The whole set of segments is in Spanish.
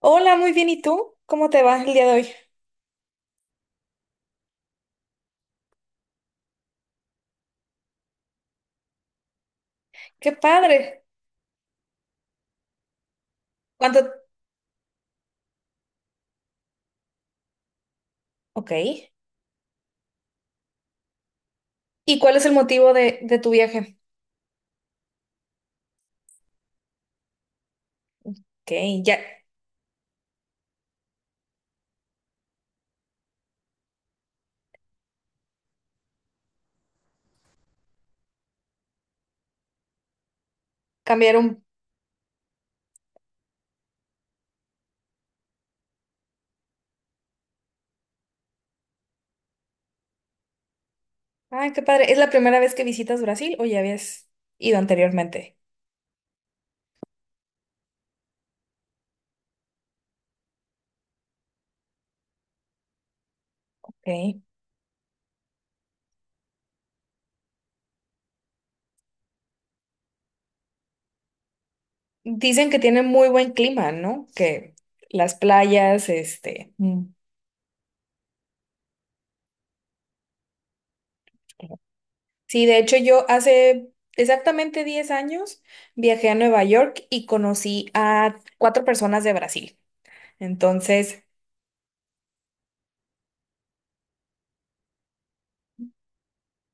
Hola, muy bien. ¿Y tú? ¿Cómo te vas el día de hoy? ¡Qué padre! ¿Cuánto? Ok. ¿Y cuál es el motivo de tu viaje? Ok, ya cambiaron. Ay, qué padre. ¿Es la primera vez que visitas Brasil o ya habías ido anteriormente? Ok. Dicen que tiene muy buen clima, ¿no? Que las playas, este, mm. Sí, de hecho yo hace exactamente 10 años viajé a Nueva York y conocí a cuatro personas de Brasil. Entonces,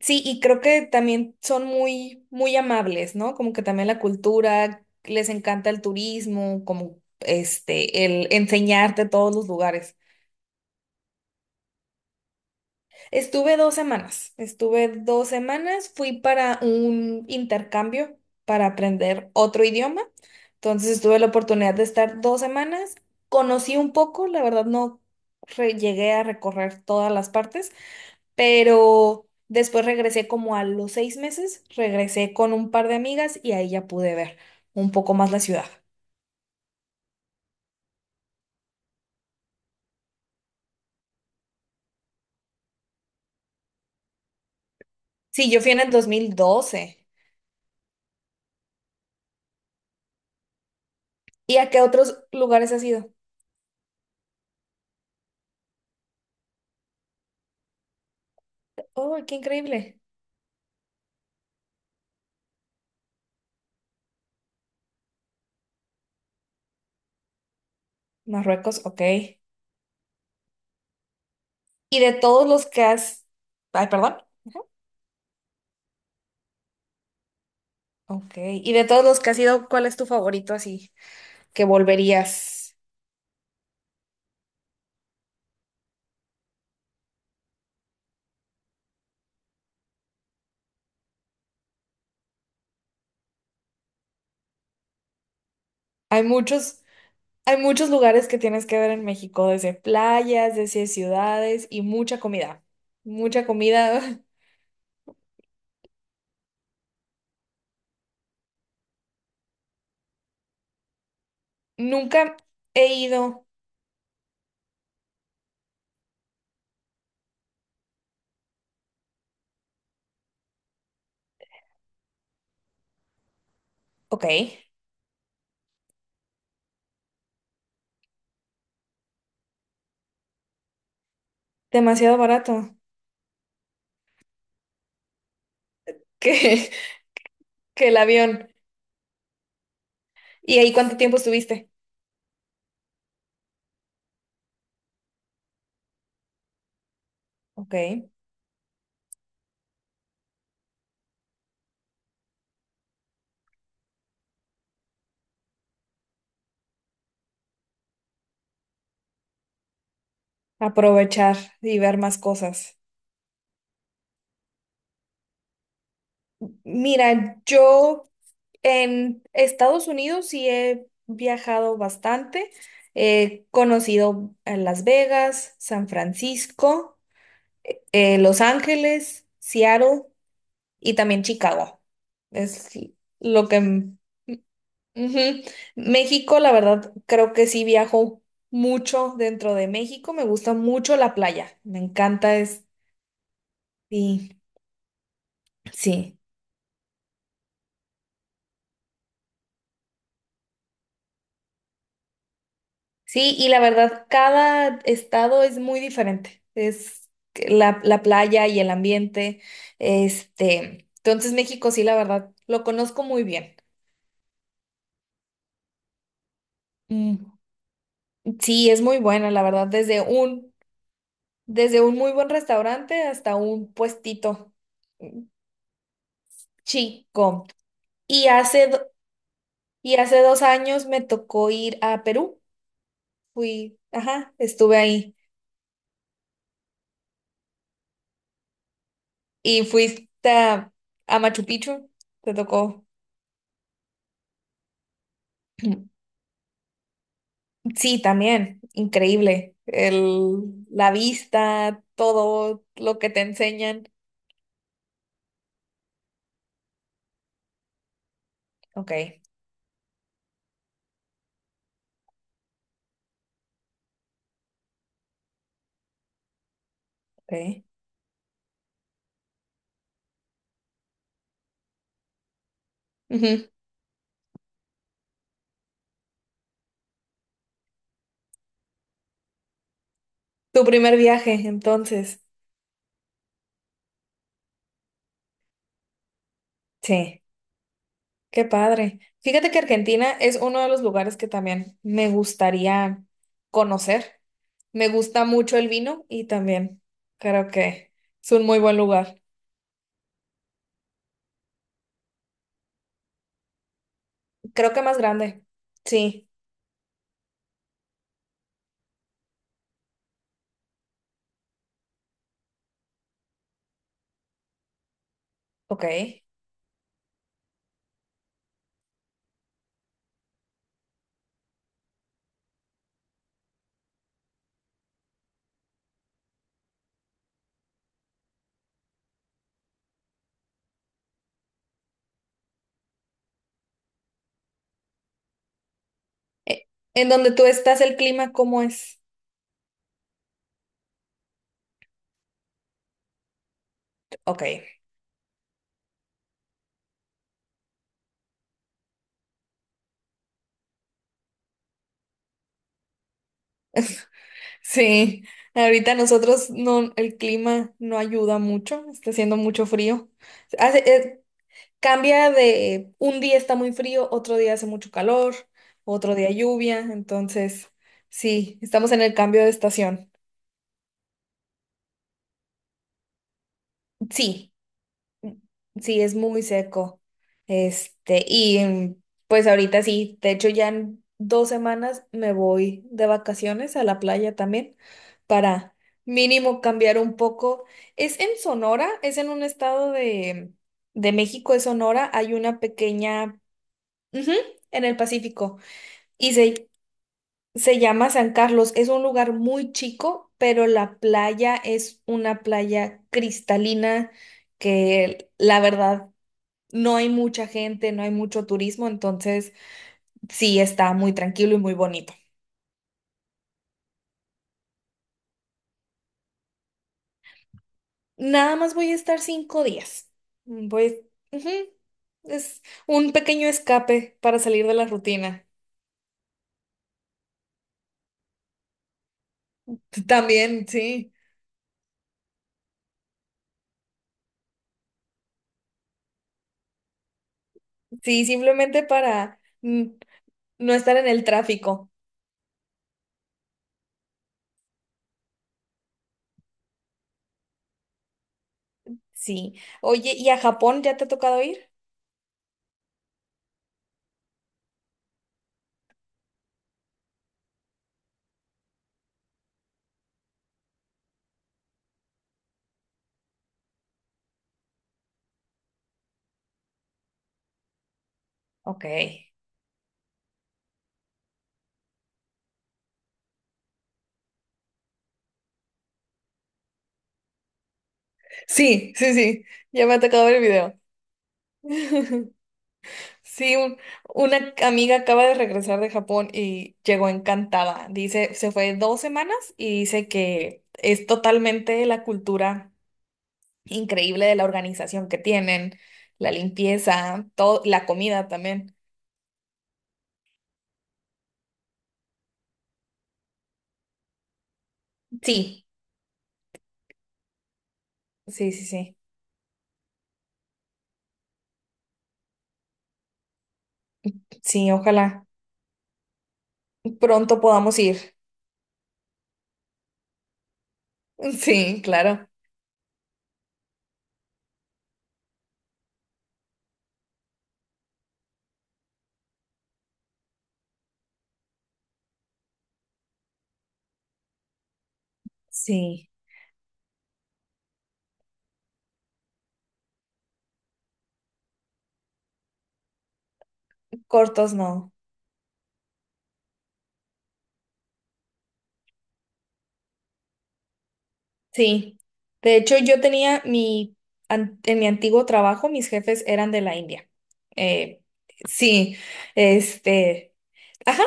sí, y creo que también son muy, muy amables, ¿no? Como que también la cultura, les encanta el turismo, como este, el enseñarte todos los lugares. Estuve dos semanas, fui para un intercambio para aprender otro idioma. Entonces tuve la oportunidad de estar 2 semanas, conocí un poco, la verdad no llegué a recorrer todas las partes, pero después regresé como a los 6 meses, regresé con un par de amigas y ahí ya pude ver un poco más la ciudad. Sí, yo fui en el 2012. ¿Y a qué otros lugares has ido? ¡Oh, qué increíble! Marruecos, ok. ¿Y de todos los que has... Ay, perdón. Ok. ¿Y de todos los que has ido, cuál es tu favorito así? Que volverías. Hay muchos, hay muchos lugares que tienes que ver en México, desde playas, desde ciudades y mucha comida. Mucha comida. Nunca he ido, ok, demasiado barato que, que el avión. ¿Y ahí cuánto tiempo estuviste? Ok, aprovechar y ver más cosas. Mira, yo en Estados Unidos sí he viajado bastante. He conocido a Las Vegas, San Francisco, Los Ángeles, Seattle y también Chicago. Es lo que ujú. México, la verdad, creo que sí viajo mucho dentro de México. Me gusta mucho la playa. Me encanta es. Sí, sí. Sí, y la verdad, cada estado es muy diferente. Es que la playa y el ambiente. Este, entonces México, sí, la verdad, lo conozco muy bien. Mm, sí, es muy buena, la verdad, desde un muy buen restaurante hasta un puestito mm, chico. Y hace, do- Y hace 2 años me tocó ir a Perú. Fui, ajá, estuve ahí. Y fuiste a Machu Picchu. Te tocó. Sí, también. Increíble. El, la vista, todo lo que te enseñan. Ok, ok. Ujú. Tu primer viaje, entonces. Sí. Qué padre. Fíjate que Argentina es uno de los lugares que también me gustaría conocer. Me gusta mucho el vino y también creo que es un muy buen lugar. Creo que más grande. Sí, ok. ¿En donde tú estás el clima cómo es? Ok. Sí, ahorita nosotros no, el clima no ayuda mucho, está haciendo mucho frío. Hace, cambia de un día está muy frío, otro día hace mucho calor, otro día lluvia, entonces sí, estamos en el cambio de estación. Sí, sí, es muy seco. Este, y pues ahorita sí, de hecho ya en 2 semanas me voy de vacaciones a la playa también para mínimo cambiar un poco. Es en Sonora, es en un estado de México, es Sonora, hay una pequeña, ujú, en el Pacífico. Y se Se llama San Carlos, es un lugar muy chico, pero la playa es una playa cristalina que la verdad no hay mucha gente, no hay mucho turismo, entonces sí está muy tranquilo y muy bonito. Nada más voy a estar 5 días. Voy, ujú, es un pequeño escape para salir de la rutina. También, sí. Sí, simplemente para no estar en el tráfico. Sí. Oye, ¿y a Japón ya te ha tocado ir? Ok. Sí, sí, sí. Ya me ha tocado ver el video. Sí, una amiga acaba de regresar de Japón y llegó encantada. Dice, se fue 2 semanas y dice que es totalmente la cultura increíble de la organización que tienen, la limpieza, todo, la comida también. Sí, sí, sí, sí. Sí, ojalá pronto podamos ir. Sí, claro. Sí. Cortos no. Sí, de hecho yo tenía en mi antiguo trabajo, mis jefes eran de la India. Eh, sí, este, ajá,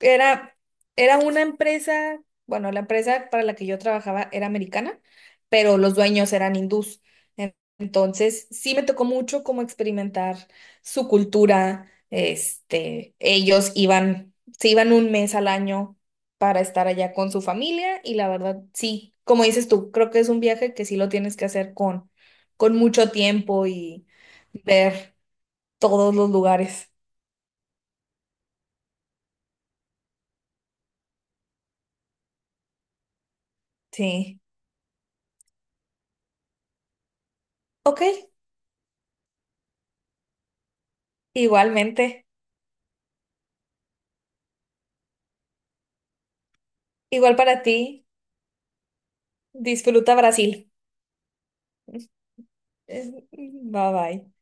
era, era una empresa, bueno, la empresa para la que yo trabajaba era americana, pero los dueños eran hindús. Entonces, sí me tocó mucho como experimentar su cultura, este, ellos iban, se iban un mes al año para estar allá con su familia y la verdad, sí, como dices tú, creo que es un viaje que sí lo tienes que hacer con, mucho tiempo y ver todos los lugares. Sí. Ok, igualmente. Igual para ti. Disfruta Brasil. Bye bye.